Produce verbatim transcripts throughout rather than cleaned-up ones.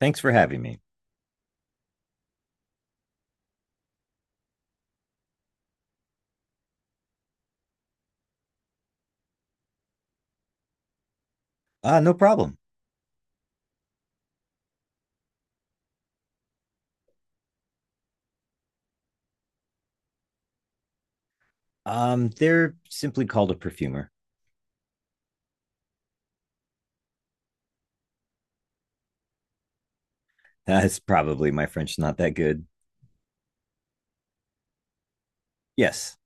Thanks for having me. Uh, no problem. Um, they're simply called a perfumer. That's probably my French not that good. Yes.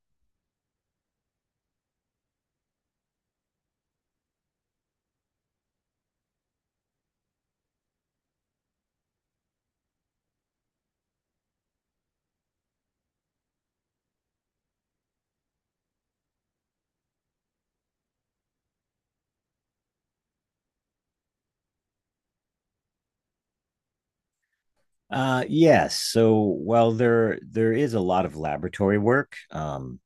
Uh, yes. So while there there is a lot of laboratory work, um,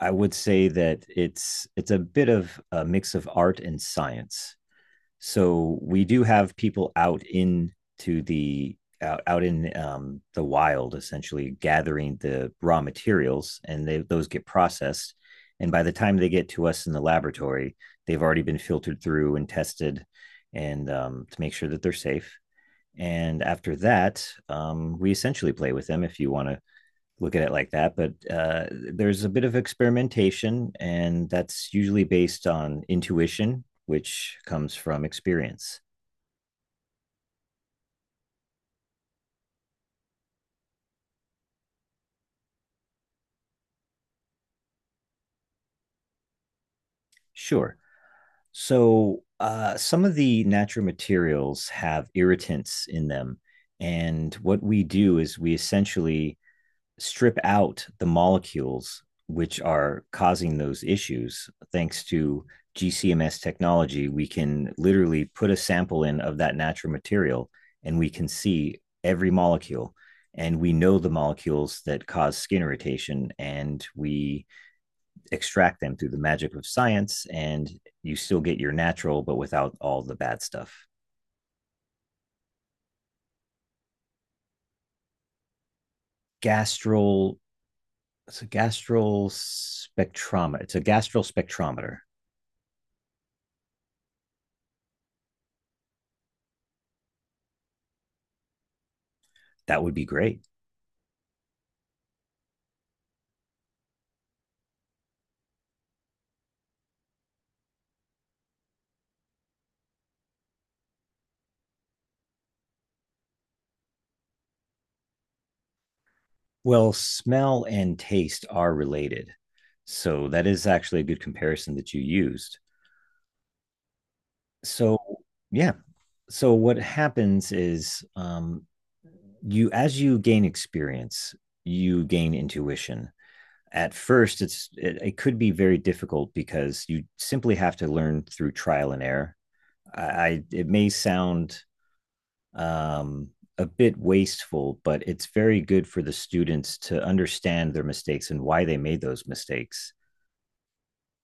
I would say that it's it's a bit of a mix of art and science. So we do have people out in to the out, out in um, the wild, essentially gathering the raw materials, and they, those get processed, and by the time they get to us in the laboratory, they've already been filtered through and tested and um, to make sure that they're safe. And after that um, we essentially play with them, if you want to look at it like that, but uh, there's a bit of experimentation, and that's usually based on intuition, which comes from experience. Sure. So uh, some of the natural materials have irritants in them, and what we do is we essentially strip out the molecules which are causing those issues thanks to G C M S technology. We can literally put a sample in of that natural material and we can see every molecule. And we know the molecules that cause skin irritation, and we extract them through the magic of science. And you still get your natural, but without all the bad stuff. Gastral, it's a gastral spectrometer. It's a gastral spectrometer. That would be great. Well, smell and taste are related. So that is actually a good comparison that you used. So, yeah. So what happens is um, you, as you gain experience, you gain intuition. At first it's it, it could be very difficult because you simply have to learn through trial and error. I, I it may sound um a bit wasteful, but it's very good for the students to understand their mistakes and why they made those mistakes.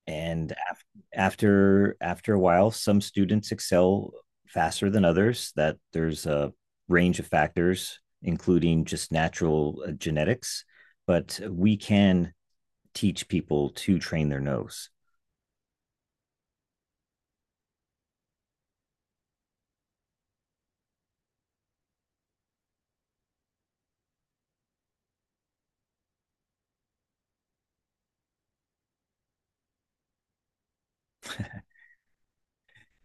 And af- after After a while, some students excel faster than others. That there's a range of factors, including just natural uh, genetics, but we can teach people to train their nose.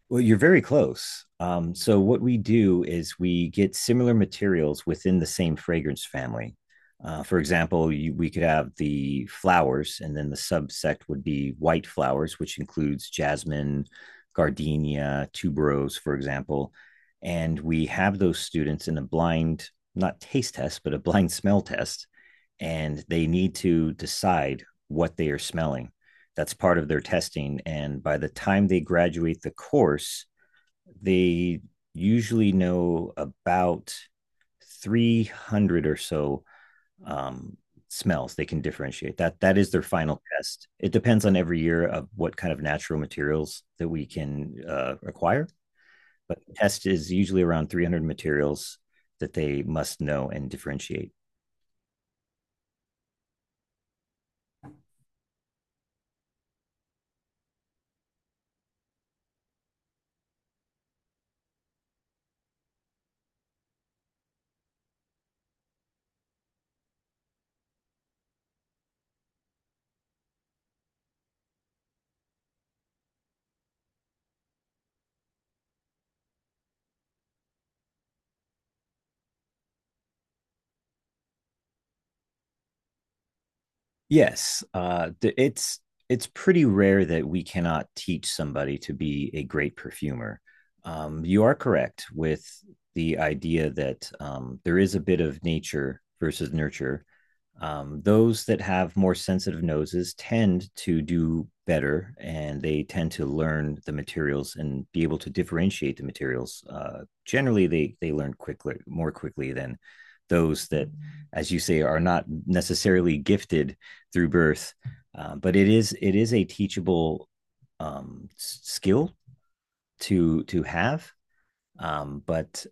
Well, you're very close. Um, so what we do is we get similar materials within the same fragrance family. Uh, for example, you, we could have the flowers, and then the subsect would be white flowers, which includes jasmine, gardenia, tuberose, for example. And we have those students in a blind, not taste test, but a blind smell test. And they need to decide what they are smelling. That's part of their testing. And by the time they graduate the course, they usually know about three hundred or so um, smells they can differentiate. That that is their final test. It depends on every year of what kind of natural materials that we can uh, acquire, but the test is usually around three hundred materials that they must know and differentiate. Yes, uh, th- it's it's pretty rare that we cannot teach somebody to be a great perfumer. Um, you are correct with the idea that um, there is a bit of nature versus nurture. Um, those that have more sensitive noses tend to do better, and they tend to learn the materials and be able to differentiate the materials. Uh, generally, they they learn quickly, more quickly than those that, as you say, are not necessarily gifted through birth. Um, but it is it is a teachable um, skill to to have. Um, but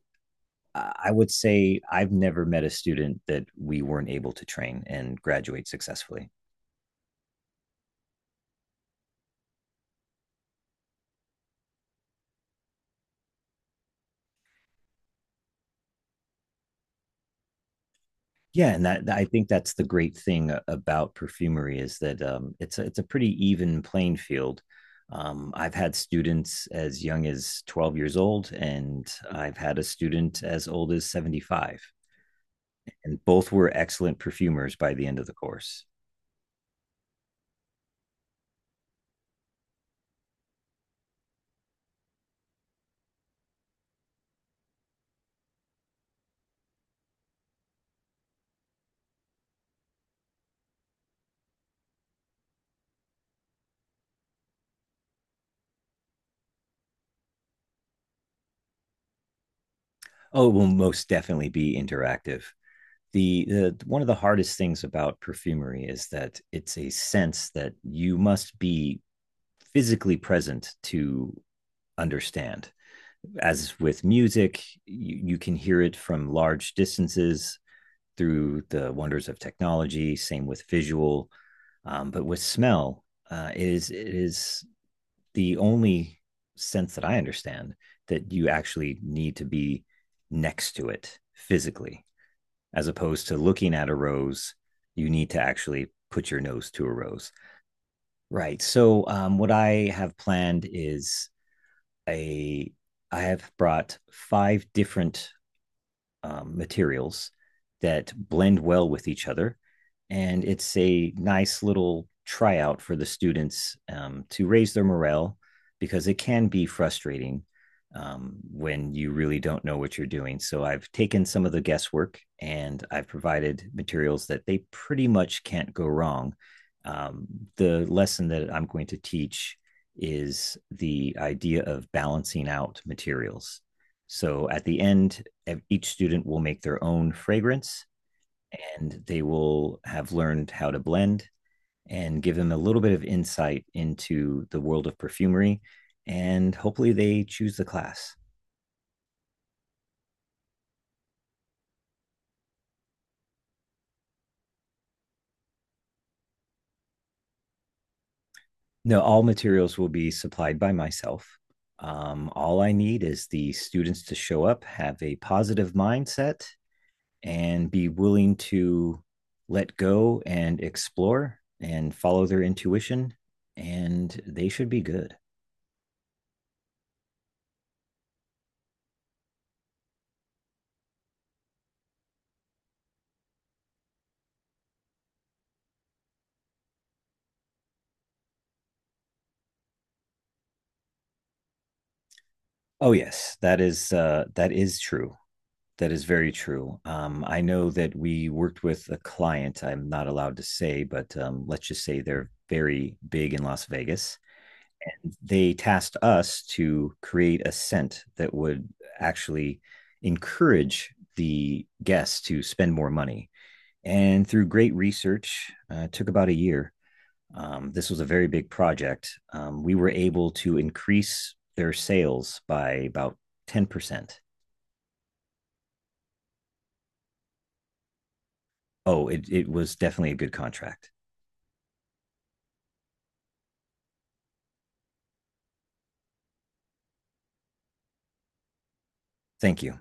I would say I've never met a student that we weren't able to train and graduate successfully. Yeah, and that I think that's the great thing about perfumery is that um, it's a, it's a pretty even playing field. Um, I've had students as young as twelve years old, and I've had a student as old as seventy-five. And both were excellent perfumers by the end of the course. Oh, it will most definitely be interactive. The, the one of the hardest things about perfumery is that it's a sense that you must be physically present to understand. As with music, you, you can hear it from large distances through the wonders of technology. Same with visual, um, but with smell, uh, it is it is the only sense that I understand that you actually need to be next to it physically, as opposed to looking at a rose. You need to actually put your nose to a rose. Right. So, um, what I have planned is a, I have brought five different um, materials that blend well with each other. And it's a nice little tryout for the students um, to raise their morale because it can be frustrating um, when you really don't know what you're doing. So I've taken some of the guesswork and I've provided materials that they pretty much can't go wrong. Um, the lesson that I'm going to teach is the idea of balancing out materials. So at the end, each student will make their own fragrance, and they will have learned how to blend and give them a little bit of insight into the world of perfumery. And hopefully they choose the class. No, all materials will be supplied by myself. Um, all I need is the students to show up, have a positive mindset, and be willing to let go and explore and follow their intuition. And they should be good. Oh yes, that is uh, that is true. That is very true. Um, I know that we worked with a client. I'm not allowed to say, but um, let's just say they're very big in Las Vegas. They tasked us to create a scent that would actually encourage the guests to spend more money. And through great research, uh, it took about a year. Um, this was a very big project. Um, we were able to increase their sales by about ten percent. Oh, it, it was definitely a good contract. Thank you.